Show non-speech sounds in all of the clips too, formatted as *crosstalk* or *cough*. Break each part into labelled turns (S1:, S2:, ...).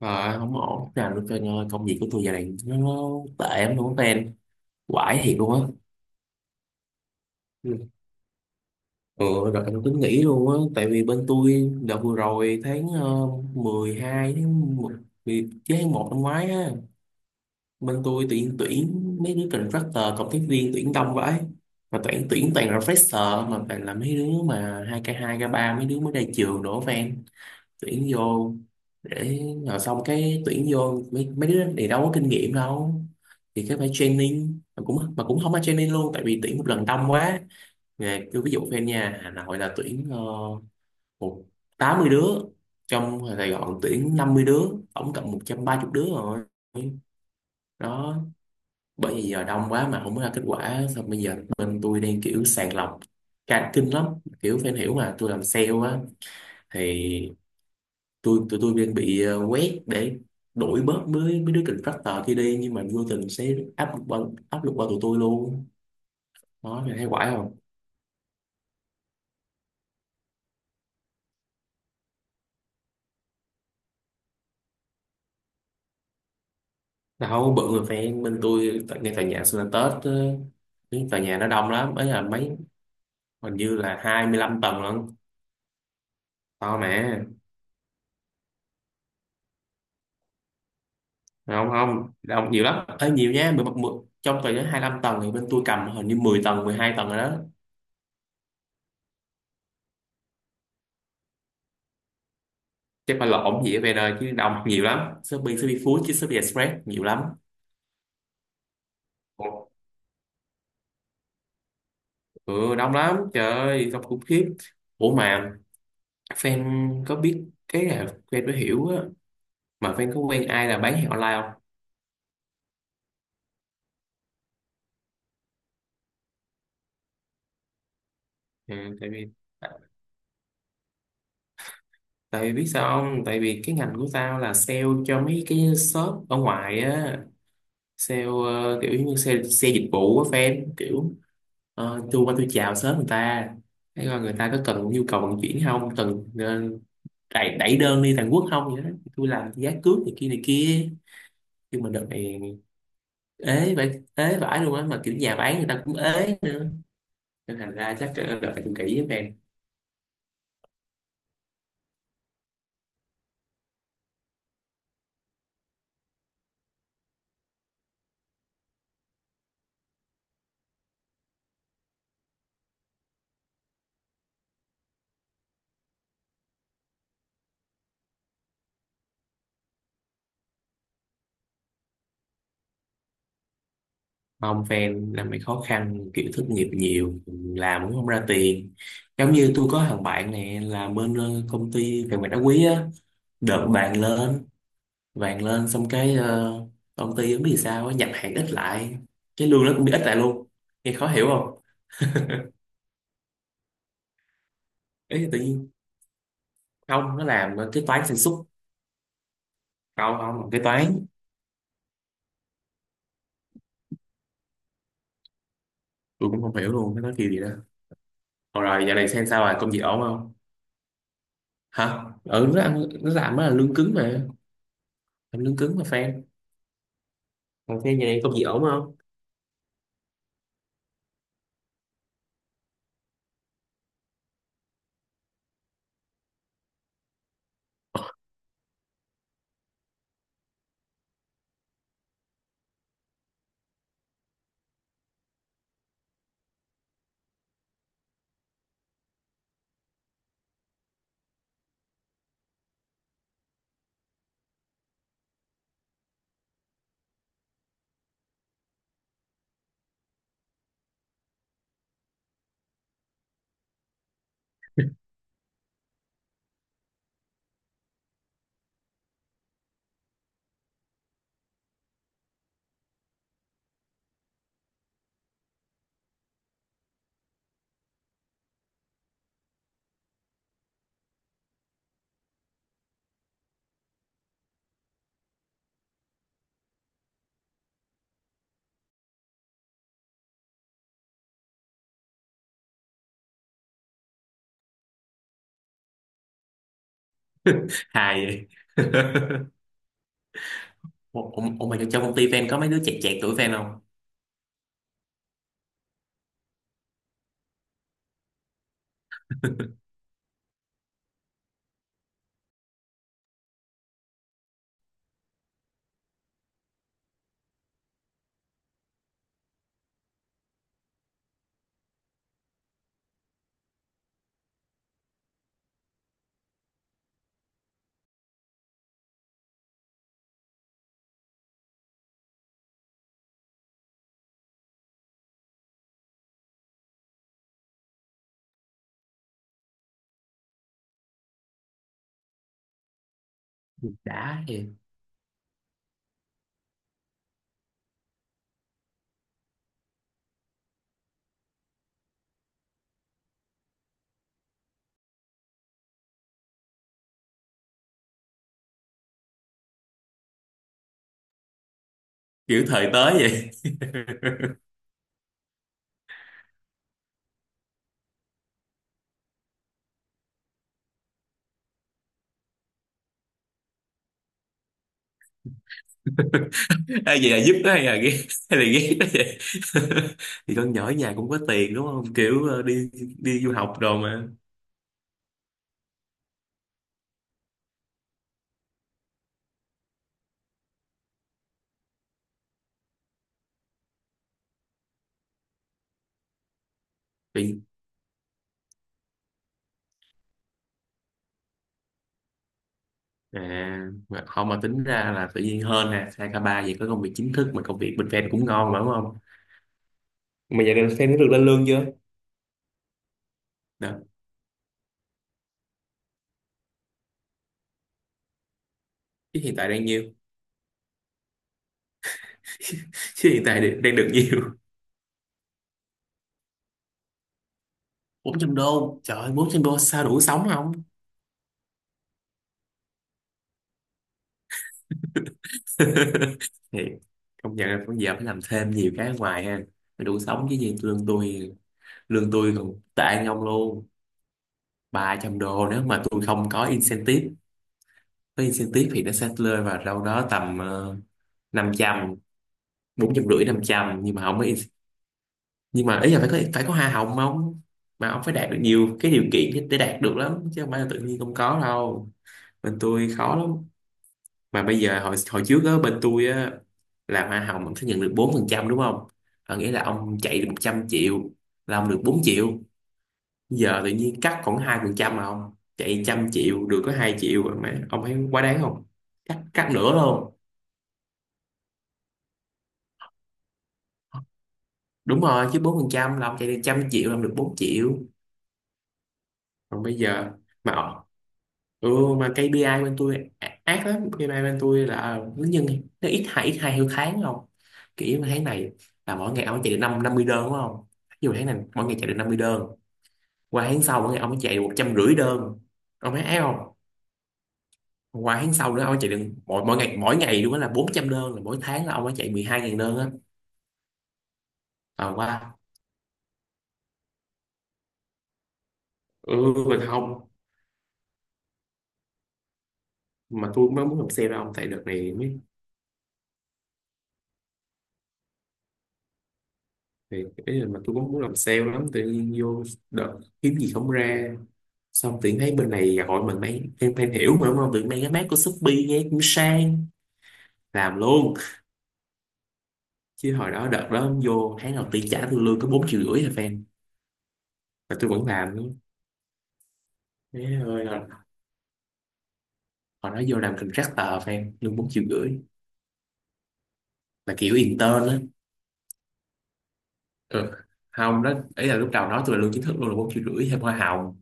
S1: Mà không có ổn nào được trên ơi, công việc của tôi giờ này nó tệ lắm luôn á tên, quải thiệt luôn á. Ừ. Ừ, rồi em tính nghỉ luôn á tại vì bên tôi đợt vừa rồi tháng 12, tháng 10, chứ tháng một năm ngoái á, bên tôi tuyển tuyển mấy đứa contractor cộng tác viên tuyển đông vậy, mà tuyển tuyển toàn là fresher, mà toàn là mấy đứa mà hai k ba, mấy đứa mới ra trường đổ fan, tuyển vô để, rồi xong cái tuyển vô mấy đứa này đâu có kinh nghiệm đâu thì cái phải training mà cũng không có training luôn tại vì tuyển một lần đông quá. Nè cứ ví dụ fan nha, Hà Nội là tuyển một 80 đứa, trong Sài Gòn tuyển 50 đứa, tổng cộng 130 đứa rồi đó. Bởi vì giờ đông quá mà không có ra kết quả, xong bây giờ bên tôi đang kiểu sàng lọc cả kinh lắm, kiểu fan hiểu mà, tôi làm sale á, thì tụi tôi đang bị quét để đuổi bớt mấy mấy đứa contractor kia đi, nhưng mà vô tình sẽ áp lực qua, áp lực qua tụi tôi luôn. Đó mày thấy quải không? Đâu bự, người fan bên tôi ngay tòa nhà sinh là Tết cái tòa nhà nó đông lắm ấy, là mấy, hình như là 25 tầng lận, to mẹ. Không không, đông nhiều lắm ấy, nhiều nha. Mười, trong tòa nhà 25 tầng thì bên tôi cầm hình như 10 tầng, 12 tầng rồi đó. Chắc phải lộn gì ở về đời chứ đông nhiều lắm, Shopee, Shopee Food, chứ Shopee Express nhiều lắm. Ừ đông lắm, trời ơi đông khủng khiếp. Ủa mà fan có biết cái là, fan mới hiểu á, mà fan có quen ai là bán hàng online không? Ừ, tại vì biết sao không, tại vì cái ngành của tao là sale cho mấy cái shop ở ngoài á, sale kiểu như xe xe dịch vụ á fan, kiểu tôi qua tôi chào sớm người ta, thấy coi người ta có cần nhu cầu vận chuyển không, cần đẩy đơn đi Hàn Quốc không vậy đó, tôi làm giá cước này kia này kia. Nhưng mà đợt này ế vậy, ế vãi luôn á, mà kiểu nhà bán người ta cũng ế nữa nên thành ra chắc là phải cũng kỹ với fan. Không fan, là mày khó khăn, kiểu thất nghiệp nhiều, làm cũng không ra tiền. Giống như tôi có thằng bạn này là bên công ty về mặt đá quý á, đợt vàng lên, vàng lên xong cái công ty không biết vì sao á, nhập hàng ít lại, cái lương nó cũng bị ít lại luôn, nghe khó hiểu không? Ấy tự nhiên, không nó làm cái toán sản xuất. Không không cái toán, tôi cũng không hiểu luôn, nó nói kiểu gì đó. Rồi giờ này xem sao, rồi công việc ổn không? Hả ừ, nó ăn nó làm, nó là lương cứng mà, làm lương cứng mà fan. Còn fan nhà này công việc ổn không? Hài vậy. *laughs* ủa, ủa ủa mà trong công ty fan có mấy đứa chẹt chẹt tuổi fan không? Đã vậy. Kiểu thời tới vậy. *laughs* Ai vậy là giúp nó hay là ghét, hay là ghét nó vậy? *laughs* Thì con nhỏ ở nhà cũng có tiền đúng không, kiểu đi, đi du học rồi mà. Thì- à mà không, mà tính ra là tự nhiên hơn nè, sang ca ba vậy có công việc chính thức mà, công việc bên fan cũng ngon mà đúng không? Mà giờ này fan nó được lên lương chưa? Đó. Chứ hiện tại đang nhiêu, chứ hiện tại đang được nhiều? Bốn trăm đô, trời ơi, 400 đô sao đủ sống không? *laughs* Thì công nhận là bây giờ phải làm thêm nhiều cái ở ngoài ha mới đủ sống chứ gì. Lương tôi, lương tôi còn tệ hơn ông luôn, 300 đô. Nếu mà tôi không có incentive, có incentive thì nó sẽ rơi vào đâu đó tầm 500, 450 500. Nhưng mà không có nhưng mà ý là phải có, phải có hoa hồng không, mà ông phải đạt được nhiều cái điều kiện để đạt được lắm chứ không phải là tự nhiên không có đâu, bên tôi khó lắm. Mà bây giờ hồi hồi trước á bên tôi á là hoa hồng ông sẽ nhận được 4% đúng không? Ờ, nghĩa là ông chạy được 100 triệu là ông được 4 triệu. Giờ tự nhiên cắt còn 2%, mà ông chạy 100 triệu được có 2 triệu rồi, mà ông thấy quá đáng không? Cắt cắt nửa luôn. Đúng rồi, chứ 4% là ông chạy được 100 triệu là ông được 4 triệu. Còn bây giờ mà, ừ, mà KPI bên tôi ác lắm. KPI bên tôi là nó nhân, nó ít hai theo tháng không. Kiểu mà tháng này là mỗi ngày ông chạy được năm 50 đơn đúng không? Ví dụ tháng này mỗi ngày chạy được 50 đơn, qua tháng sau mỗi ngày ông chạy được 150 đơn, ông thấy ác không? Qua tháng sau nữa ông chạy được mỗi mỗi ngày luôn á là 400 đơn, là mỗi tháng là ông phải chạy 12 ngàn đơn á. À qua, ừ, mà không, mà tôi mới muốn làm sale đâu ông, tại đợt này mới. Thì cái là mà tôi cũng muốn làm sale lắm, tự nhiên vô đợt kiếm gì không ra, xong tự nhiên thấy bên này gọi mình mấy em, fan hiểu mà đúng không, tự nhiên mấy cái mác của Shopee nghe cũng sang, làm luôn. Chứ hồi đó đợt đó vô tháng đầu tiên trả tôi lương có 4,5 triệu thôi fan, mà tôi vẫn làm luôn. Thế ơi, hồi hồi đó vô làm contractor fan lương 4,5 triệu, là kiểu intern á. Ừ. Không đó ấy, là lúc đầu nói tôi là lương chính thức luôn là 4,5 triệu thêm hoa hồng,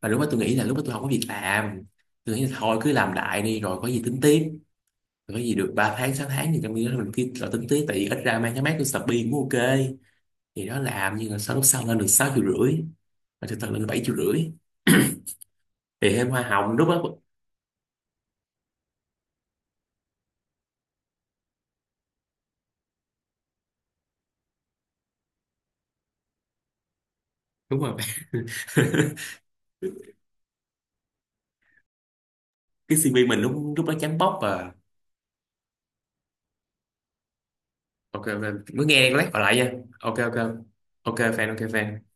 S1: và lúc đó tôi nghĩ là, lúc đó tôi không có việc làm, tôi nghĩ là thôi cứ làm đại đi rồi có gì tính tiếp, có gì được 3 tháng 6 tháng gì trong khi đó mình kia lo tính tí, tại vì ít ra mang cái máy của Shopee cũng ok thì nó làm. Nhưng mà sau, lúc sau lên được 6,5 triệu, mà thực sự lên 7,5 triệu *coughs* thì thêm hoa hồng lúc đó. Đúng rồi *laughs* cái CV mình lúc lúc đó chấm bóc à. Ok ok, mới nghe lát gọi lại nha, ok ok, ok fan ok fan.